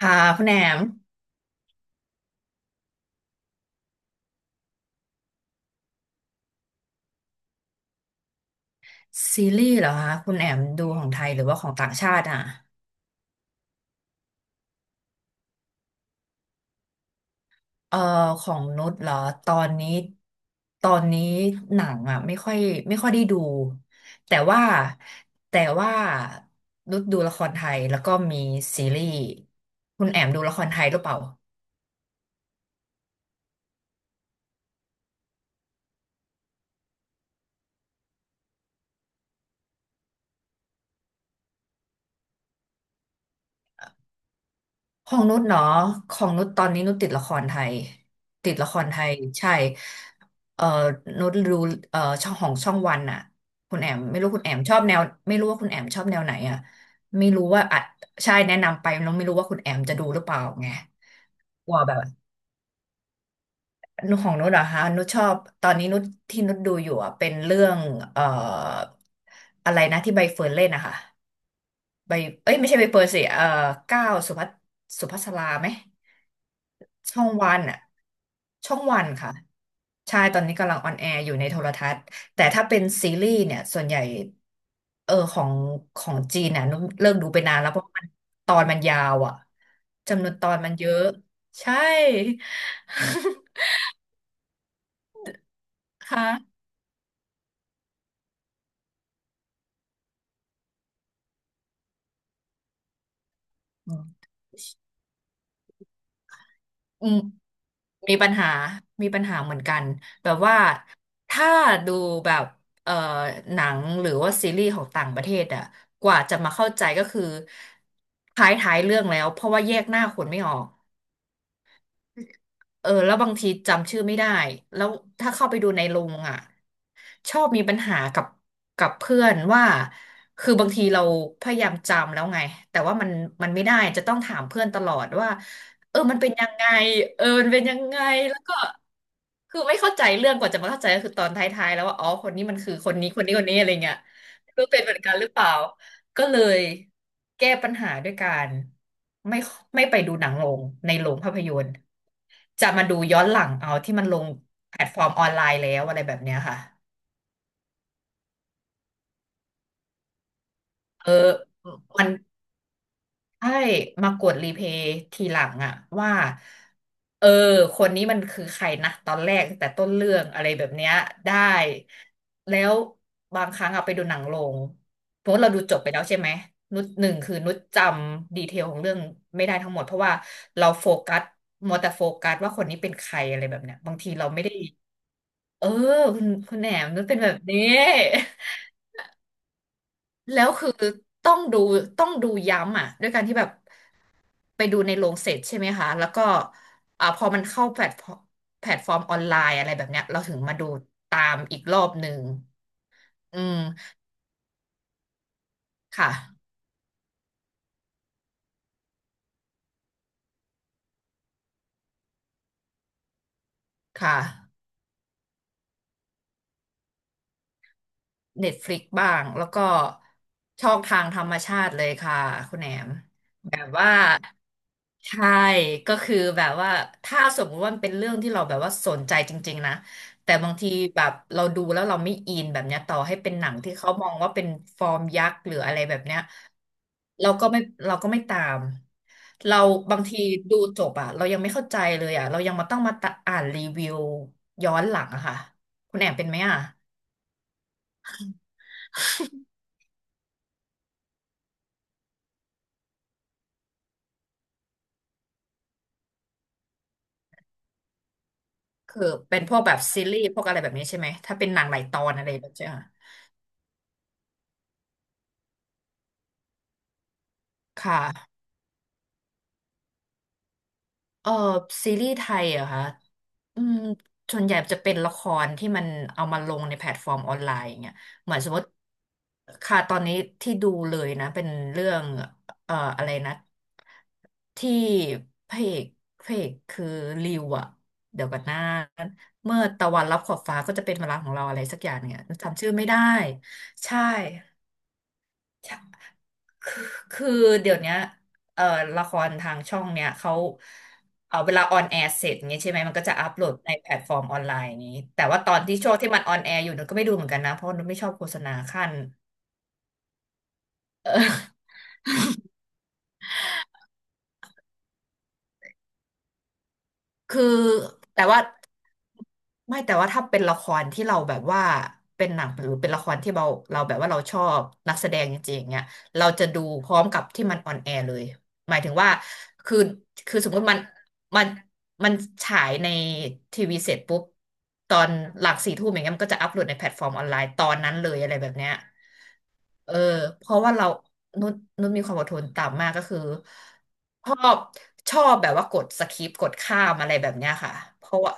ค่ะคุณแอมซีรีส์เหรอคะคุณแอมดูของไทยหรือว่าของต่างชาติอ่ะเอ่อของนุชเหรอตอนนี้ตอนนี้หนังอ่ะไม่ค่อยได้ดูแต่ว่าแต่ว่านุชดูละครไทยแล้วก็มีซีรีส์คุณแอมดูละครไทยหรือเปล่า ของนุชเนาะของนุชตอนนี้นุชติดละครไทย ติดละครไทยใช่เอ่อนุชรู้ช่องของช่องวันอะคุณแอมไม่รู้คุณแอมชอบแนวไม่รู้ว่าคุณแอมชอบแนวไหนอะไม่รู้ว่าอ่ะใช่แนะนำไปนุชไม่รู้ว่าคุณแอมจะดูหรือเปล่าไงว่าแบบนุชของนุชเหรอฮะนุชชอบตอนนี้นุชที่นุชดูอยู่อะเป็นเรื่องเอ่ออะไรนะที่ใบเฟิร์นเล่นนะคะ ใบเอ้ยไม่ใช่ใบเฟิร์นสิก้าวสุภัสสุภัสราไหมช่องวันอะช่องวันค่ะใช่ตอนนี้กำลังออนแอร์อยู่ในโทรทัศน์แต่ถ้าเป็นซีรีส์เนี่ยส่วนใหญ่เออของของจีนน่ะนุ้มเลิกดูไปนานแล้วเพราะมันตอนมันยาวอ่ะจำนวนตอนมันเยอะใช่ ค่ะ อืมมีปัญหา มีปัญหาเหมือนกันแบบว่าถ้าดูแบบเอ่อหนังหรือว่าซีรีส์ของต่างประเทศอะกว่าจะมาเข้าใจก็คือท้ายท้ายเรื่องแล้วเพราะว่าแยกหน้าคนไม่ออก เออแล้วบางทีจำชื่อไม่ได้แล้วถ้าเข้าไปดูในโรงอ่ะชอบมีปัญหากับกับเพื่อนว่าคือบางทีเราพยายามจำแล้วไงแต่ว่ามันไม่ได้จะต้องถามเพื่อนตลอดว่าเออมันเป็นยังไงเออมันเป็นยังไงแล้วก็คือไม่เข้าใจเรื่องกว่าจะมาเข้าใจก็คือตอนท้ายๆแล้วว่าอ๋อคนนี้มันคือคนนี้คนนี้คนนี้อะไรเงี้ยไม่รู้เป็นเหมือนกันหรือเปล่า ก็เลยแก้ปัญหาด้วยการไม่ไม่ไปดูหนังโรงในโรงภาพยนตร์จะมาดูย้อนหลังเอาที่มันลงแพลตฟอร์มออนไลน์แล้วอะไรแบบเนี้ยค่ะเออมัน ใช่มากดรีเพย์ทีหลังอะว่าเออคนนี้มันคือใครนะตอนแรกแต่ต้นเรื่องอะไรแบบเนี้ยได้แล้วบางครั้งเอาไปดูหนังโรงเพราะเราดูจบไปแล้วใช่ไหมนุชหนึ่งคือนุชจำดีเทลของเรื่องไม่ได้ทั้งหมดเพราะว่าเราโฟกัสมัวแต่โฟกัสว่าคนนี้เป็นใครอะไรแบบเนี้ยบางทีเราไม่ได้เออคุณแหนมนุชเป็นแบบนี้ แล้วคือต้องดูต้องดูย้ำอ่ะด้วยการที่แบบไปดูในโรงเสร็จใช่ไหมคะแล้วก็อ่าพอมันเข้าแพลตฟอร์มออนไลน์อะไรแบบเนี้ยเราถึงมาดูตามอีกรอบหนึ่งอืมค่ะค่ะ Netflix บ้างแล้วก็ช่องทางธรรมชาติเลยค่ะคุณแหนมแบบว่า ใช่ก็คือแบบว่าถ้าสมมติว่ามันเป็นเรื่องที่เราแบบว่าสนใจจริงๆนะแต่บางทีแบบเราดูแล้วเราไม่อินแบบเนี้ยต่อให้เป็นหนังที่เขามองว่าเป็นฟอร์มยักษ์หรืออะไรแบบเนี้ยเราก็ไม่เราก็ไม่ตามเราบางทีดูจบอะเรายังไม่เข้าใจเลยอะเรายังมาต้องมาตะอ่านรีวิวย้อนหลังอะค่ะคุณแอมเป็นไหมอะคือเป็นพวกแบบซีรีส์พวกอะไรแบบนี้ใช่ไหมถ้าเป็นหนังหลายตอนอะไรแบบเนี้ยค่ะ เออซีรีส์ไทยเหรอคะอืมส่วนใหญ่จะเป็นละครที่มันเอามาลงในแพลตฟอร์มออนไลน์อย่างเงี้ยเหมือนสมมติค่ะตอนนี้ที่ดูเลยนะเป็นเรื่องอะไรนะที่พระเอกพระเอกคือริวอะเดี๋ยวกันนะเมื่อตะวันรับขอบฟ้าก็จะเป็นเวลาของเราอะไรสักอย่างเนี่ยจำชื่อไม่ได้ใช่ คือคือเดี๋ยวเนี้ยเอ่อละครทางช่องเนี้ยเขาเอาเวลาออนแอร์เสร็จอย่างเงี้ยใช่ไหมมันก็จะอัพโหลดในแพลตฟอร์มออนไลน์อย่างงี้แต่ว่าตอนที่ช่วงที่มันออนแอร์อยู่หนูก็ไม่ดูเหมือนกันนะเพราะหนูไม่ชอบโฆษณาขั้นเออคือแต่ว่า ไม่แต่ว่าถ้าเป็นละครที่เราแบบว่าเป็นหนังหรือเป็นละครที่เราแบบว่าเราชอบนักแสดงจริงๆเนี่ยเราจะดูพร้อมกับที่มันออนแอร์เลยหมายถึงว่าคือคือสมมติมันมันฉายในทีวีเสร็จปุ๊บตอนหลังสี่ทุ่มอย่างเงี้ยมันก็จะอัปโหลดในแพลตฟอร์มออนไลน์ตอนนั้นเลยอะไรแบบเนี้ย เออเพราะว่าเรานุชนุชมีความอดทนต่ำมากก็คือชอบชอบแบบว่ากดสคิปกดข้ามอะไรแบบเนี้ยค่ะเพราะว่า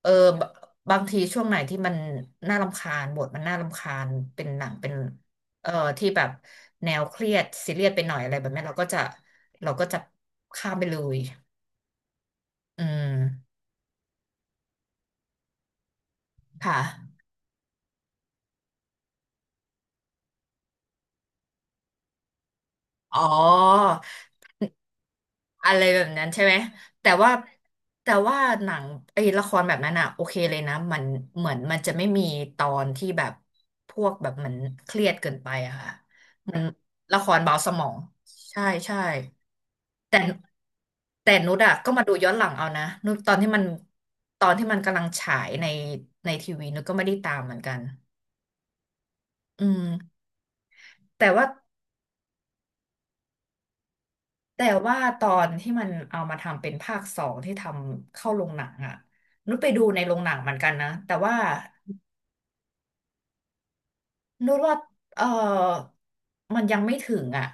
เออบบบางทีช่วงไหนที่มันน่ารำคาญบทมันน่ารำคาญเป็นหนังเป็นเอ่อที่แบบแนวเครียดซีเรียสไปหน่อยอะไรแบบนี้เราก็จะเราก็จะข้ามไปเลยอืมค่ะอ๋อ อะไรแบบนั้นใช่ไหมแต่ว่าแต่ว่าหนังไอ้ละครแบบนั้นอะโอเคเลยนะมันเหมือนมันจะไม่มีตอนที่แบบพวกแบบมันเครียดเกินไปอะค่ะมันละครเบาสมองใช่ใช่แต่แต่นุชอะก็มาดูย้อนหลังเอานะนุชตอนที่มันกำลังฉายในทีวีนุชก็ไม่ได้ตามเหมือนกันอืมแต่ว่า แต่ว่าตอนที่มันเอามาทำเป็นภาคสองที่ทำเข้าโรงหนังอะนุชไปดูในโรงหนังเหมือนกันนะแต่ว่านุชว่าเออมันยังไม่ถึงอะ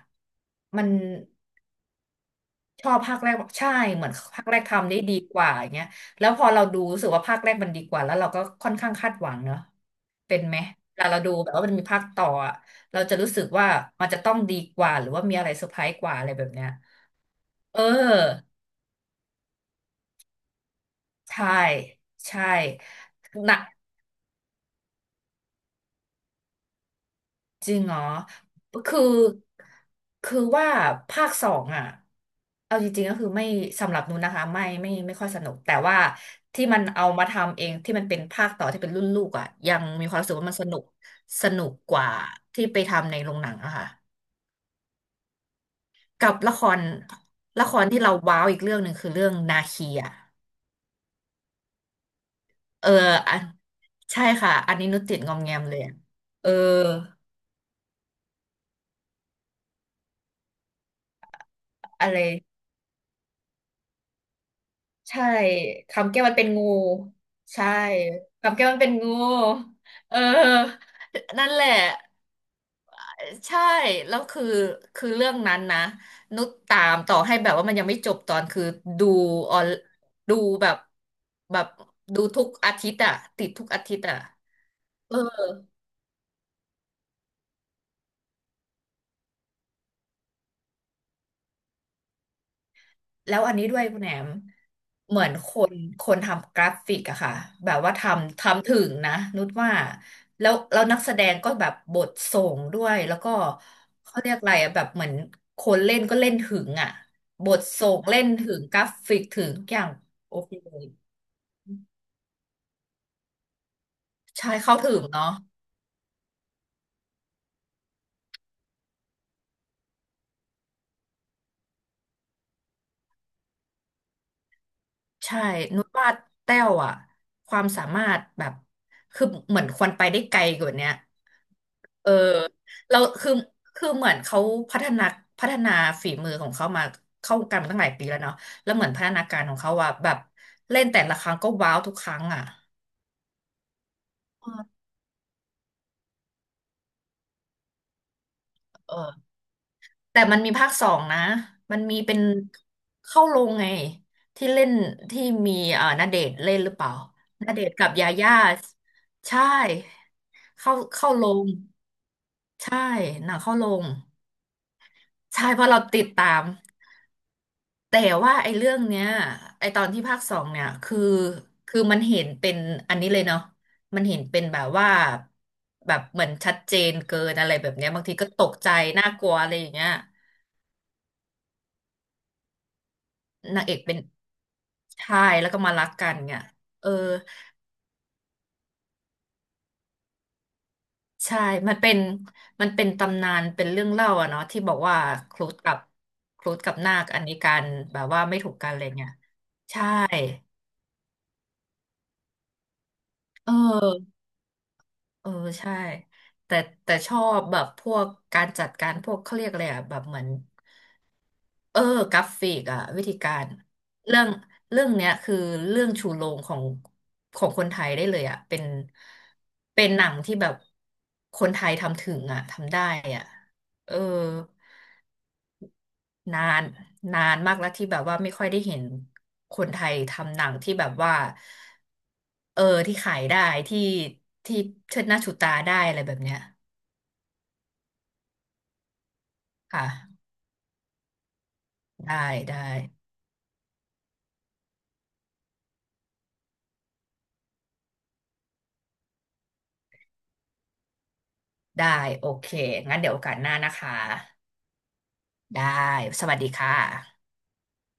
มันชอบภาคแรกใช่เหมือนภาคแรกทำได้ดีกว่าอย่างเงี้ยแล้วพอเราดูรู้สึกว่าภาคแรกมันดีกว่าแล้วเราก็ค่อนข้างคาดหวังเนอะเป็นไหมเวลาเราดูแบบว่ามันมีภาคต่ออะเราจะรู้สึกว่ามันจะต้องดีกว่าหรือว่ามีอะไรเซอร์ไพรส์กว่าอะไรแบบเนี้ยเออใช่ใช่หนัก จริงเหรอคือ คือว่าภาคสองอ่ะเอาจริงๆก็คือไม่สำหรับนูนนะคะไม่ไม่ไม่ค่อยสนุกแต่ว่าที่มันเอามาทำเองที่มันเป็นภาคต่อที่เป็นรุ่นลูกอ่ะยังมีความรู้สึกว่ามันสนุกสนุกกว่าที่ไปทำในโรงหนังอะค่ะกับละครละครที่เราว้าวอีกเรื่องหนึ่งคือเรื่องนาคีอ่ะเอออันใช่ค่ะอันนี้นุชติดงอมแงมเลยอะเอออะไร ใช่คำแก้วมันเป็นงูใช่คำแก้วมันเป็นงูเออนั่นแหละใช่แล้วคือคือเรื่องนั้นนะนุชตามต่อให้แบบว่ามันยังไม่จบตอนคือดูออนดูแบบแบบดูทุกอาทิตย์อะติดทุกอาทิตย์อะเออ แล้วอันนี้ด้วยคุณแหนมเหมือนคนทำกราฟิกอะค่ะแบบว่าทำถึงนะนุชว่าแล้วนักแสดงก็แบบบทส่งด้วยแล้วก็เขาเรียกอะไรอะแบบเหมือนคนเล่นก็เล่นถึงอะบทส่งเล่นถึงกราฟิกถึงทุกอย่างโอเคเลยใช่เข้าถึงเนาะใช่นุชว่าแต้วอะความสามารถแบบคือเหมือนควรไปได้ไกลกว่าเนี้ย เออเราคือคือเหมือนเขาพัฒนาพัฒนาฝีมือของเขามาเข้าวงการมาตั้งหลายปีแล้วเนาะแล้วเหมือนพัฒนาการของเขาว่าแบบเล่นแต่ละครั้งก็ว้าวทุกครั้งอ่ะเออเออแต่มันมีภาคสองนะมันมีเป็นเข้าโรงไงที่เล่นที่มีณเดชน์เล่นหรือเปล่าณเดชน์กับยาย่าใช่เข้าโรงใช่หนังเข้าโรงใช่เพราะเราติดตาม แต่ว่าไอ้เรื่องเนี้ยไอ้ตอนที่ภาคสองเนี่ยคือคือมันเห็นเป็นอันนี้เลยเนาะมันเห็นเป็นแบบว่าแบบเหมือนชัดเจนเกินอะไรแบบเนี้ยบางทีก็ตกใจน่ากลัวอะไรอย่างเงี้ยนางเอกเป็นชายแล้วก็มารักกันเนี่ยเออใช่มันเป็นมันเป็นตำนานเป็นเรื่องเล่าอะเนาะที่บอกว่าครุฑกับครุฑกับนาคอันนี้กันแบบว่าไม่ถูกกันอะไรเงี้ยใช่เออ เออใช่แต่แต่ชอบแบบพวกการจัดการพวกเขาเรียกอะไรอะแบบเหมือนเออกราฟิกอะวิธีการเรื่องเรื่องเนี้ยคือเรื่องชูโรงของของคนไทยได้เลยอะเป็นเป็นหนังที่แบบคนไทยทำถึงอะทำได้อะเออนานนานมากแล้วที่แบบว่าไม่ค่อยได้เห็นคนไทยทำหนังที่แบบว่าเออที่ขายได้ที่ที่เชิดหน้าชูตาได้อะไรแบบเนี้ยค่ะ ได้ได้ได้โอเคงั้นเดี๋ยวโอกาสหน้านะคะได้สวัสดีค่ะ